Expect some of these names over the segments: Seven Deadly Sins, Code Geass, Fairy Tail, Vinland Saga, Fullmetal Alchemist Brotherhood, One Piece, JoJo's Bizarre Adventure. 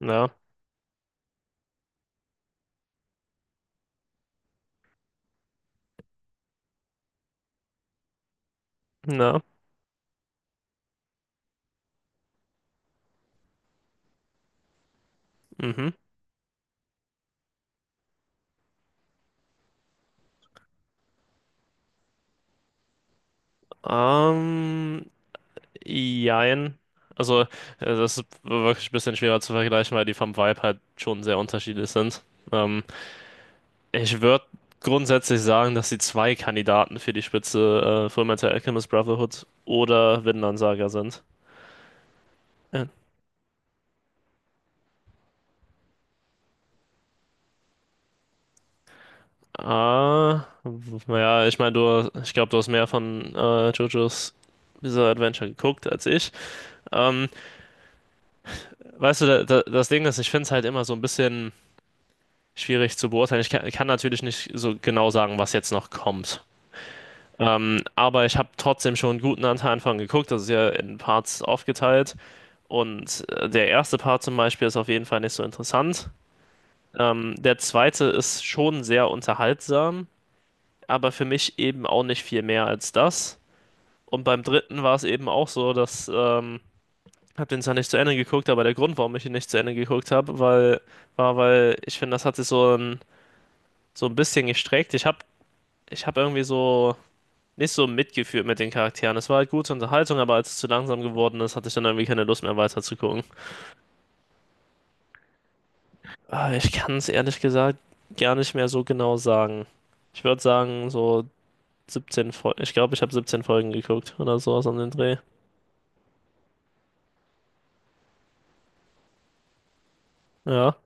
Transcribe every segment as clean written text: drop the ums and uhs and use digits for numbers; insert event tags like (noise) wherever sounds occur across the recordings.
Na, na, mhm. Ähm, Jein. Also, äh, Das ist wirklich ein bisschen schwerer zu vergleichen, weil die vom Vibe halt schon sehr unterschiedlich sind. Ähm, Ich würde grundsätzlich sagen, dass die zwei Kandidaten für die Spitze Fullmetal Alchemist Brotherhood oder Vinland Saga sind. Äh, naja, ich meine, du, ich glaube, du hast mehr von JoJo's Bizarre Adventure geguckt als ich. Ähm, Weißt du, das Ding ist, ich finde es halt immer so ein bisschen schwierig zu beurteilen. Ich kann natürlich nicht so genau sagen, was jetzt noch kommt. Aber ich habe trotzdem schon einen guten Anteil von geguckt. Das ist ja in Parts aufgeteilt. Und der erste Part zum Beispiel ist auf jeden Fall nicht so interessant. Der zweite ist schon sehr unterhaltsam, aber für mich eben auch nicht viel mehr als das. Und beim dritten war es eben auch so, dass ich habe den zwar nicht zu Ende geguckt, aber der Grund, warum ich ihn nicht zu Ende geguckt habe, war, weil ich finde, das hat sich so ein bisschen gestreckt. Ich habe irgendwie so nicht so mitgefühlt mit den Charakteren. Es war halt gute Unterhaltung, aber als es zu langsam geworden ist, hatte ich dann irgendwie keine Lust mehr weiter zu gucken. Ich kann es ehrlich gesagt gar nicht mehr so genau sagen. Ich würde sagen, so 17 Folgen. Ich glaube, ich habe 17 Folgen geguckt oder sowas an den Dreh. Ja,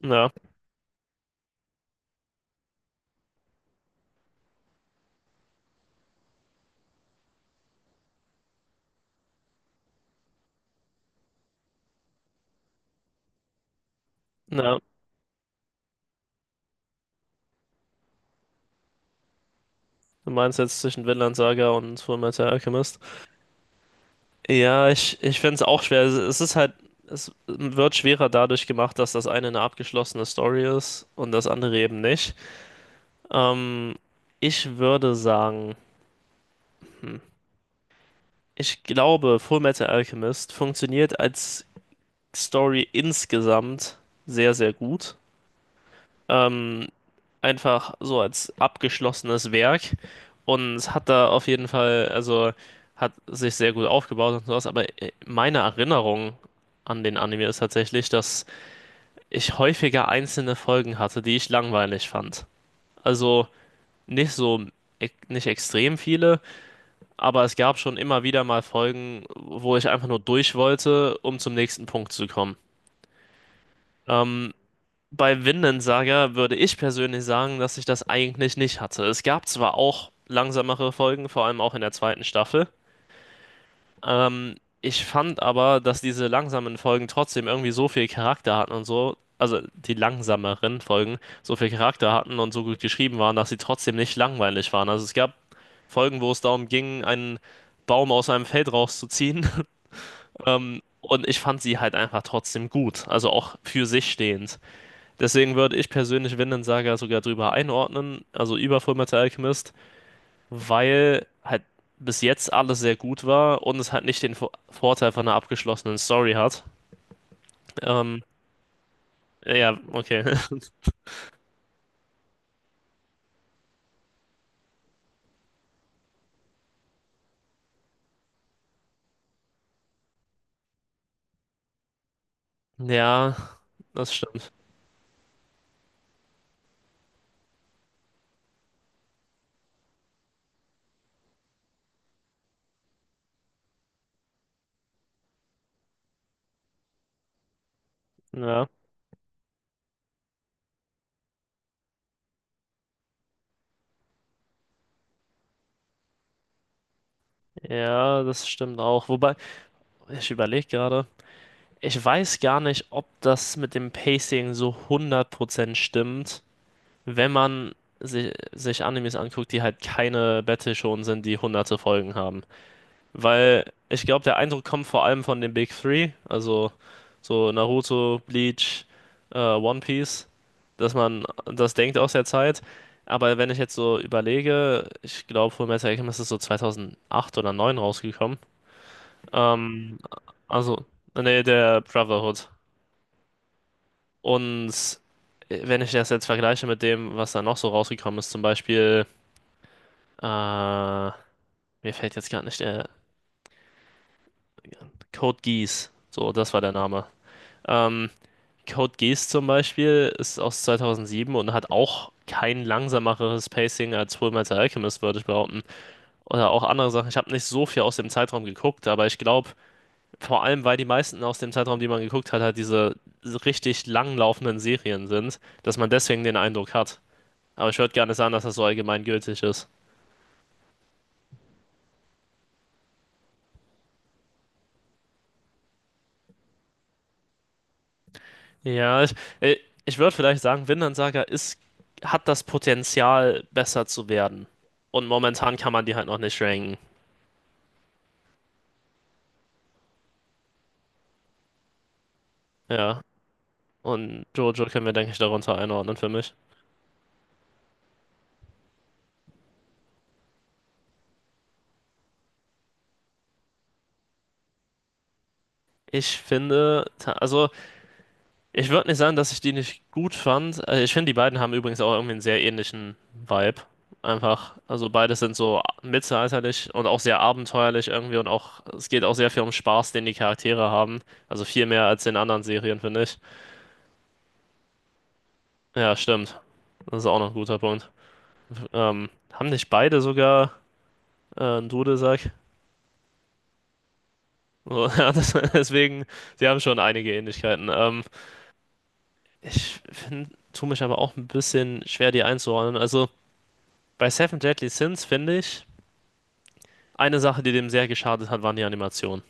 ja, ja. Du meinst jetzt zwischen Vinland Saga und Fullmetal Alchemist? Ja, ich finde es auch schwer. Es ist halt, es wird schwerer dadurch gemacht, dass das eine abgeschlossene Story ist und das andere eben nicht. Ähm, Ich würde sagen, hm, ich glaube, Fullmetal Alchemist funktioniert als Story insgesamt sehr, sehr gut. Ähm, Einfach so als abgeschlossenes Werk und hat da auf jeden Fall, also hat sich sehr gut aufgebaut und sowas, aber meine Erinnerung an den Anime ist tatsächlich, dass ich häufiger einzelne Folgen hatte, die ich langweilig fand. Also nicht so, nicht extrem viele. Aber es gab schon immer wieder mal Folgen, wo ich einfach nur durch wollte, um zum nächsten Punkt zu kommen. Ähm, Bei Vinland Saga würde ich persönlich sagen, dass ich das eigentlich nicht hatte. Es gab zwar auch langsamere Folgen, vor allem auch in der zweiten Staffel. Ähm, Ich fand aber, dass diese langsamen Folgen trotzdem irgendwie so viel Charakter hatten und so, also die langsameren Folgen so viel Charakter hatten und so gut geschrieben waren, dass sie trotzdem nicht langweilig waren. Also es gab Folgen, wo es darum ging, einen Baum aus einem Feld rauszuziehen. (laughs) Und ich fand sie halt einfach trotzdem gut, also auch für sich stehend. Deswegen würde ich persönlich Vinland Saga sogar drüber einordnen, also über Fullmetal Alchemist, weil halt bis jetzt alles sehr gut war und es halt nicht den Vorteil von einer abgeschlossenen Story hat. Ähm, ja, okay. (laughs) Ja, das stimmt. Ja, ja, das stimmt auch. Wobei, ich überlege gerade, ich weiß gar nicht, ob das mit dem Pacing so 100% stimmt. Wenn man si sich Animes anguckt, die halt keine Battle-Shonen sind, die hunderte Folgen haben. Weil ich glaube, der Eindruck kommt vor allem von den Big Three, also so Naruto, Bleach, One Piece, dass man das denkt aus der Zeit. Aber wenn ich jetzt so überlege, ich glaube, Fullmetal Alchemist ist so 2008 oder 2009 rausgekommen. Ähm, also, Nee, der Brotherhood. Und wenn ich das jetzt vergleiche mit dem, was da noch so rausgekommen ist, zum Beispiel Äh, mir fällt jetzt gerade nicht der Code Geass. So, das war der Name. Ähm, Code Geass zum Beispiel ist aus 2007 und hat auch kein langsameres Pacing als Fullmetal Alchemist, würde ich behaupten. Oder auch andere Sachen. Ich habe nicht so viel aus dem Zeitraum geguckt, aber ich glaube, vor allem, weil die meisten aus dem Zeitraum, die man geguckt hat, halt diese richtig langlaufenden Serien sind, dass man deswegen den Eindruck hat. Aber ich würde gerne sagen, dass das so allgemeingültig ist. Ja, äh, ich würde vielleicht sagen, hat das Potenzial, besser zu werden. Und momentan kann man die halt noch nicht ranken. Ja. Und Jojo können wir, denke ich, darunter einordnen für mich. Also ich würde nicht sagen, dass ich die nicht gut fand. Ich finde, die beiden haben übrigens auch irgendwie einen sehr ähnlichen Vibe. Einfach, also beide sind so mittelalterlich und auch sehr abenteuerlich irgendwie und auch, es geht auch sehr viel um Spaß, den die Charaktere haben. Also viel mehr als in anderen Serien, finde ich. Ja, stimmt. Das ist auch noch ein guter Punkt. Haben nicht beide sogar einen Dudelsack? So, (laughs) ja, deswegen, sie haben schon einige Ähnlichkeiten. Ich tue mich aber auch ein bisschen schwer, die einzuordnen. Also bei Seven Deadly Sins finde ich, eine Sache, die dem sehr geschadet hat, waren die Animationen.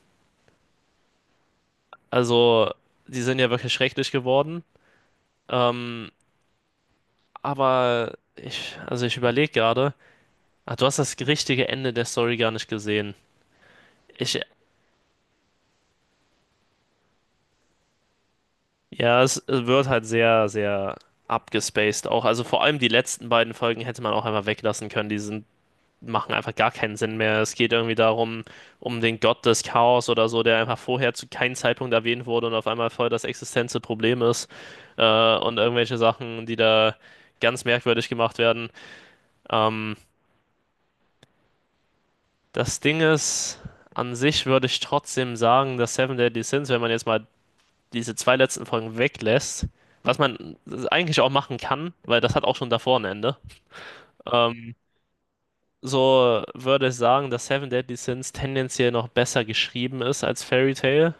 Also, die sind ja wirklich schrecklich geworden. Ähm, aber ich überlege gerade, ah, du hast das richtige Ende der Story gar nicht gesehen. Ich Ja, es wird halt sehr, sehr abgespaced auch. Also vor allem die letzten beiden Folgen hätte man auch einfach weglassen können. Machen einfach gar keinen Sinn mehr. Es geht irgendwie darum, um den Gott des Chaos oder so, der einfach vorher zu keinem Zeitpunkt erwähnt wurde und auf einmal voll das existenzielle Problem ist. Und irgendwelche Sachen, die da ganz merkwürdig gemacht werden. Ähm, Das Ding ist, an sich würde ich trotzdem sagen, dass Seven Deadly Sins, wenn man jetzt mal diese zwei letzten Folgen weglässt, was man eigentlich auch machen kann, weil das hat auch schon davor ein Ende. Ähm, so würde ich sagen, dass Seven Deadly Sins tendenziell noch besser geschrieben ist als Fairy Tail.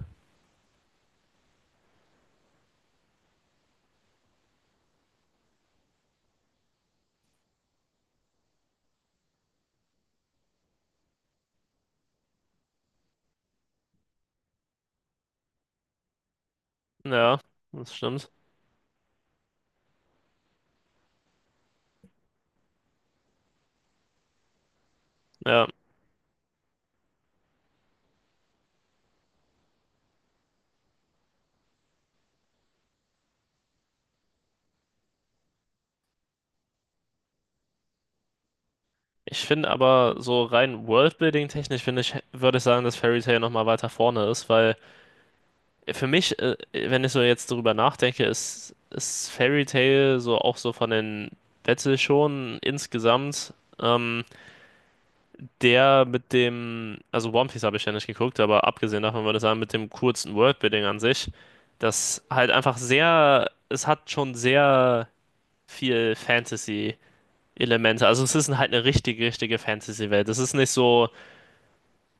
Ja, das stimmt. Ja. Ich finde aber so rein Worldbuilding-technisch finde ich, würde ich sagen, dass Fairy Tail nochmal weiter vorne ist, weil für mich, wenn ich so jetzt drüber nachdenke, ist Fairy Tail so auch so von den Battle schon insgesamt ähm, der mit dem, also One Piece habe ich ja nicht geguckt, aber abgesehen davon würde ich sagen, mit dem kurzen Worldbuilding an sich, das halt einfach sehr, es hat schon sehr viel Fantasy-Elemente. Also es ist halt eine richtige Fantasy-Welt. Es ist nicht so,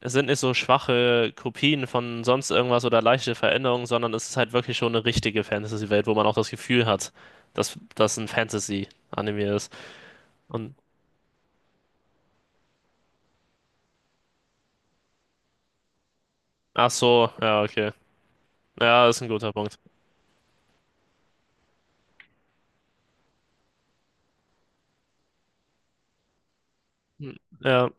es sind nicht so schwache Kopien von sonst irgendwas oder leichte Veränderungen, sondern es ist halt wirklich schon eine richtige Fantasy-Welt, wo man auch das Gefühl hat, dass das ein Fantasy-Anime ist. Und, Ach so, ja, okay. Ja, ist ein guter Punkt. Hm, Ja,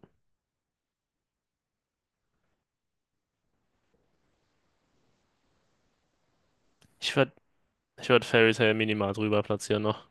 ich ver Ich würde Fairy Tail minimal drüber platzieren noch.